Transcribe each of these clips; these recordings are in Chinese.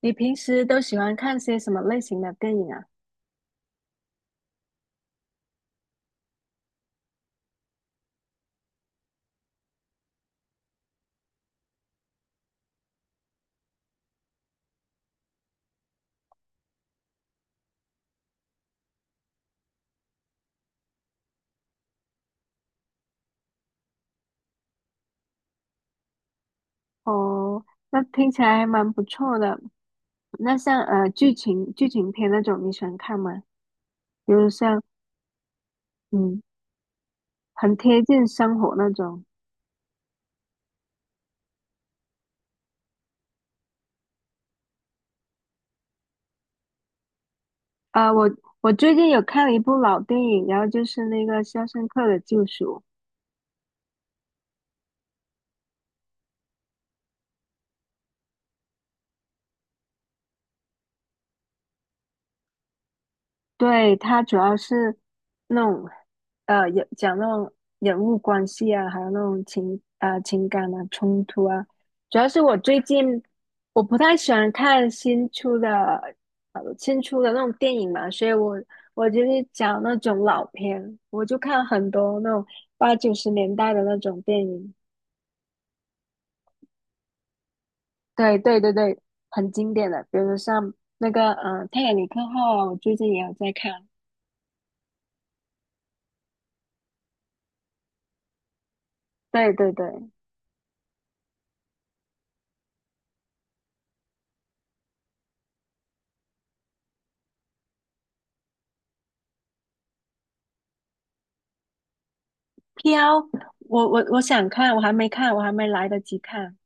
你平时都喜欢看些什么类型的电影啊？哦，那听起来还蛮不错的。那像剧情片那种，你喜欢看吗？比如像。嗯，很贴近生活那种。啊、我我最近有看了一部老电影，然后就是那个《肖申克的救赎》。对，它主要是那种，也讲那种人物关系啊，还有那种情感啊、冲突啊。主要是我最近，我不太喜欢看新出的那种电影嘛，所以我就是讲那种老片，我就看很多那种八九十年代的那种电影。对对对对，很经典的，比如像那个《泰坦尼克号》啊，我最近也有在看。对对对。飘，我想看，我还没看，我还没来得及看。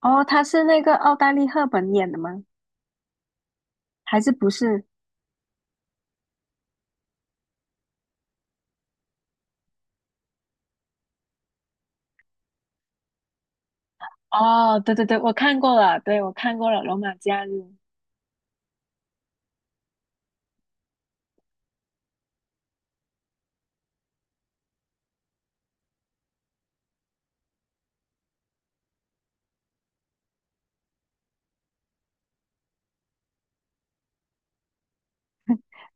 哦，他是那个奥黛丽·赫本演的吗？还是不是？哦，对对对，我看过了，对，我看过了《罗马假日》。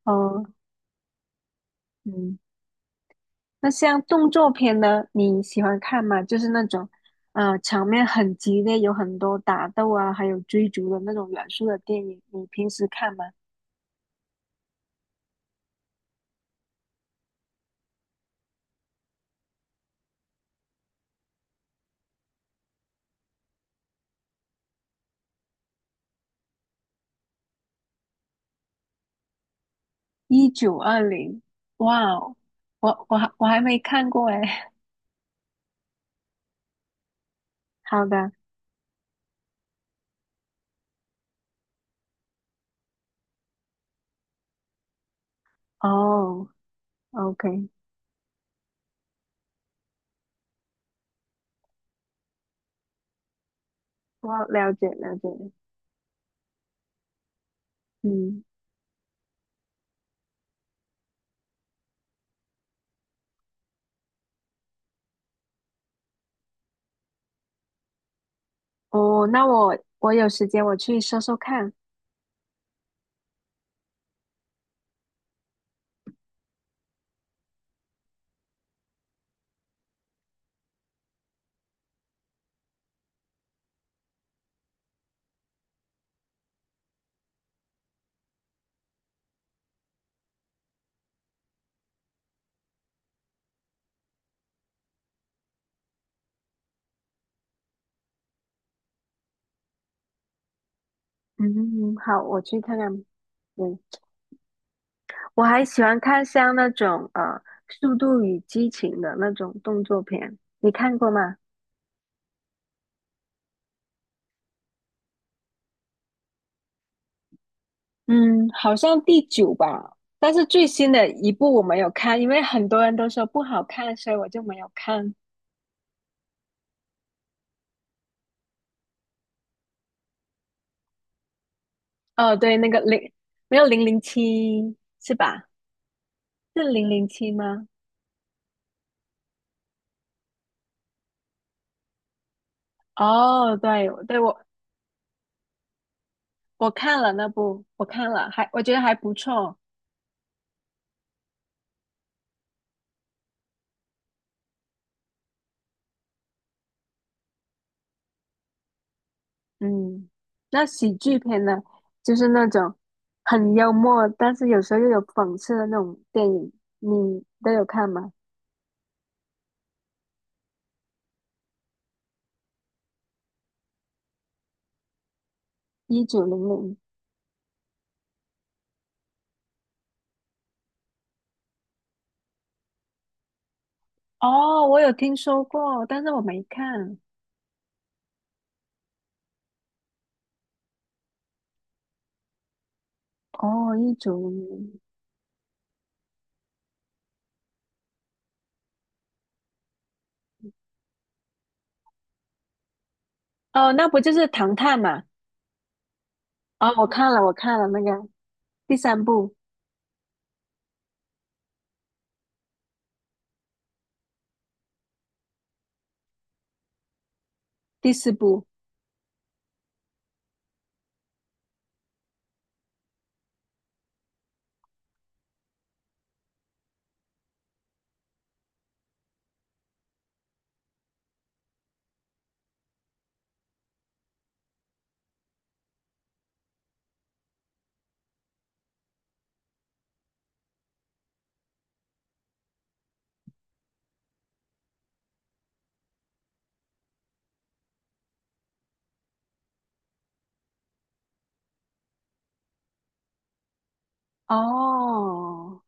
哦，嗯，那像动作片呢，你喜欢看吗？就是那种，呃，场面很激烈，有很多打斗啊，还有追逐的那种元素的电影，你平时看吗？1920，哇哦，我还没看过哎。好的。哦，OK,我了解了解。嗯。哦，那我有时间我去搜搜看。嗯，好，我去看看。对，我还喜欢看像那种呃《速度与激情》的那种动作片，你看过吗？嗯，好像第九吧，但是最新的一部我没有看，因为很多人都说不好看，所以我就没有看。哦，对，那个零没有，零零七是吧？是零零七吗？哦，对对，我看了那部，我看了，还我觉得还不错。嗯，那喜剧片呢，就是那种很幽默，但是有时候又有讽刺的那种电影，你都有看吗？一九零零，哦，我有听说过，但是我没看。哦，一九零零，哦，那不就是《唐探》嘛？哦，我看了，我看了那个第三部、第四部。哦。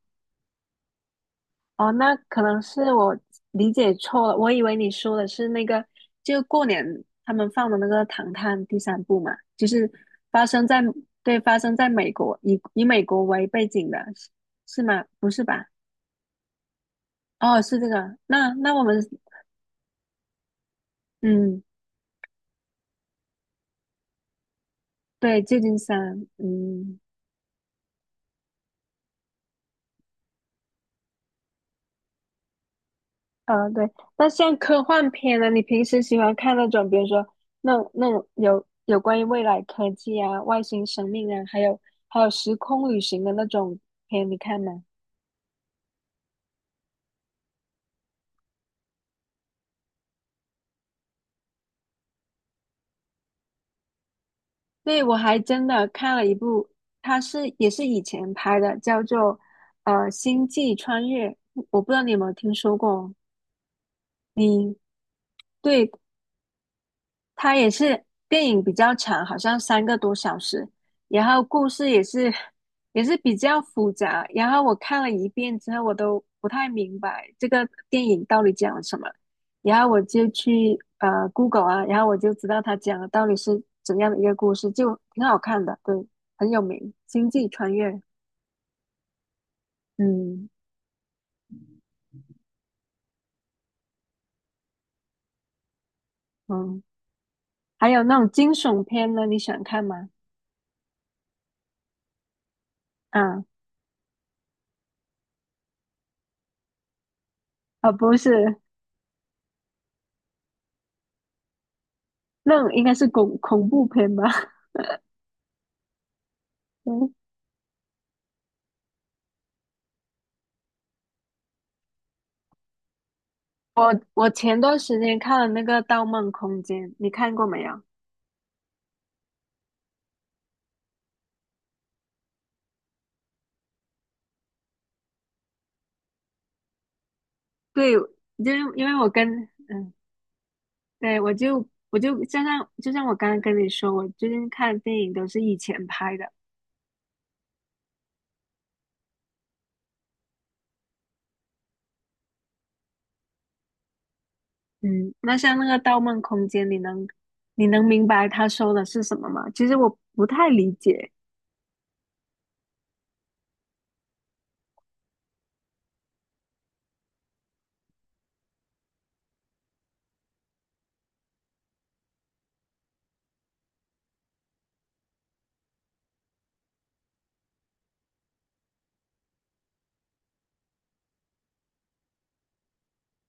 哦，那可能是我理解错了，我以为你说的是那个，就过年他们放的那个《唐探》第三部嘛，就是发生在，对，发生在美国，以美国为背景的，是吗？不是吧？哦，是这个。那那我们，嗯，对，旧金山，嗯。嗯，对，那像科幻片呢，你平时喜欢看那种，比如说那种有关于未来科技啊、外星生命啊，还有时空旅行的那种片，你看吗？对，我还真的看了一部，它是也是以前拍的，叫做《星际穿越》，我不知道你有没有听说过？你对，它也是电影比较长，好像3个多小时，然后故事也是比较复杂，然后我看了一遍之后，我都不太明白这个电影到底讲了什么，然后我就去Google 啊，然后我就知道它讲的到底是怎样的一个故事，就挺好看的，对，很有名，《星际穿越》。嗯。嗯，还有那种惊悚片呢，你喜欢看吗？啊啊，不是，那种应该是恐怖片吧。嗯。我前段时间看了那个《盗梦空间》，你看过没有？对，就是因为我跟嗯，对，我就我就就像就像我刚刚跟你说，我最近看的电影都是以前拍的。嗯，那像那个《盗梦空间》，你能明白他说的是什么吗？其实我不太理解。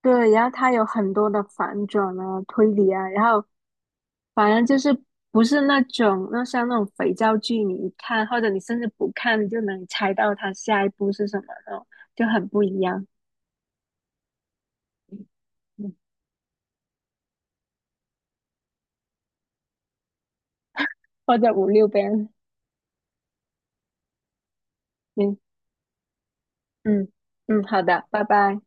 对，然后它有很多的反转啊、推理啊，然后反正就是不是那种，那像那种肥皂剧，你一看或者你甚至不看，你就能猜到它下一步是什么那种，就很不一样。嗯。或者五六遍。嗯嗯嗯，好的，拜拜。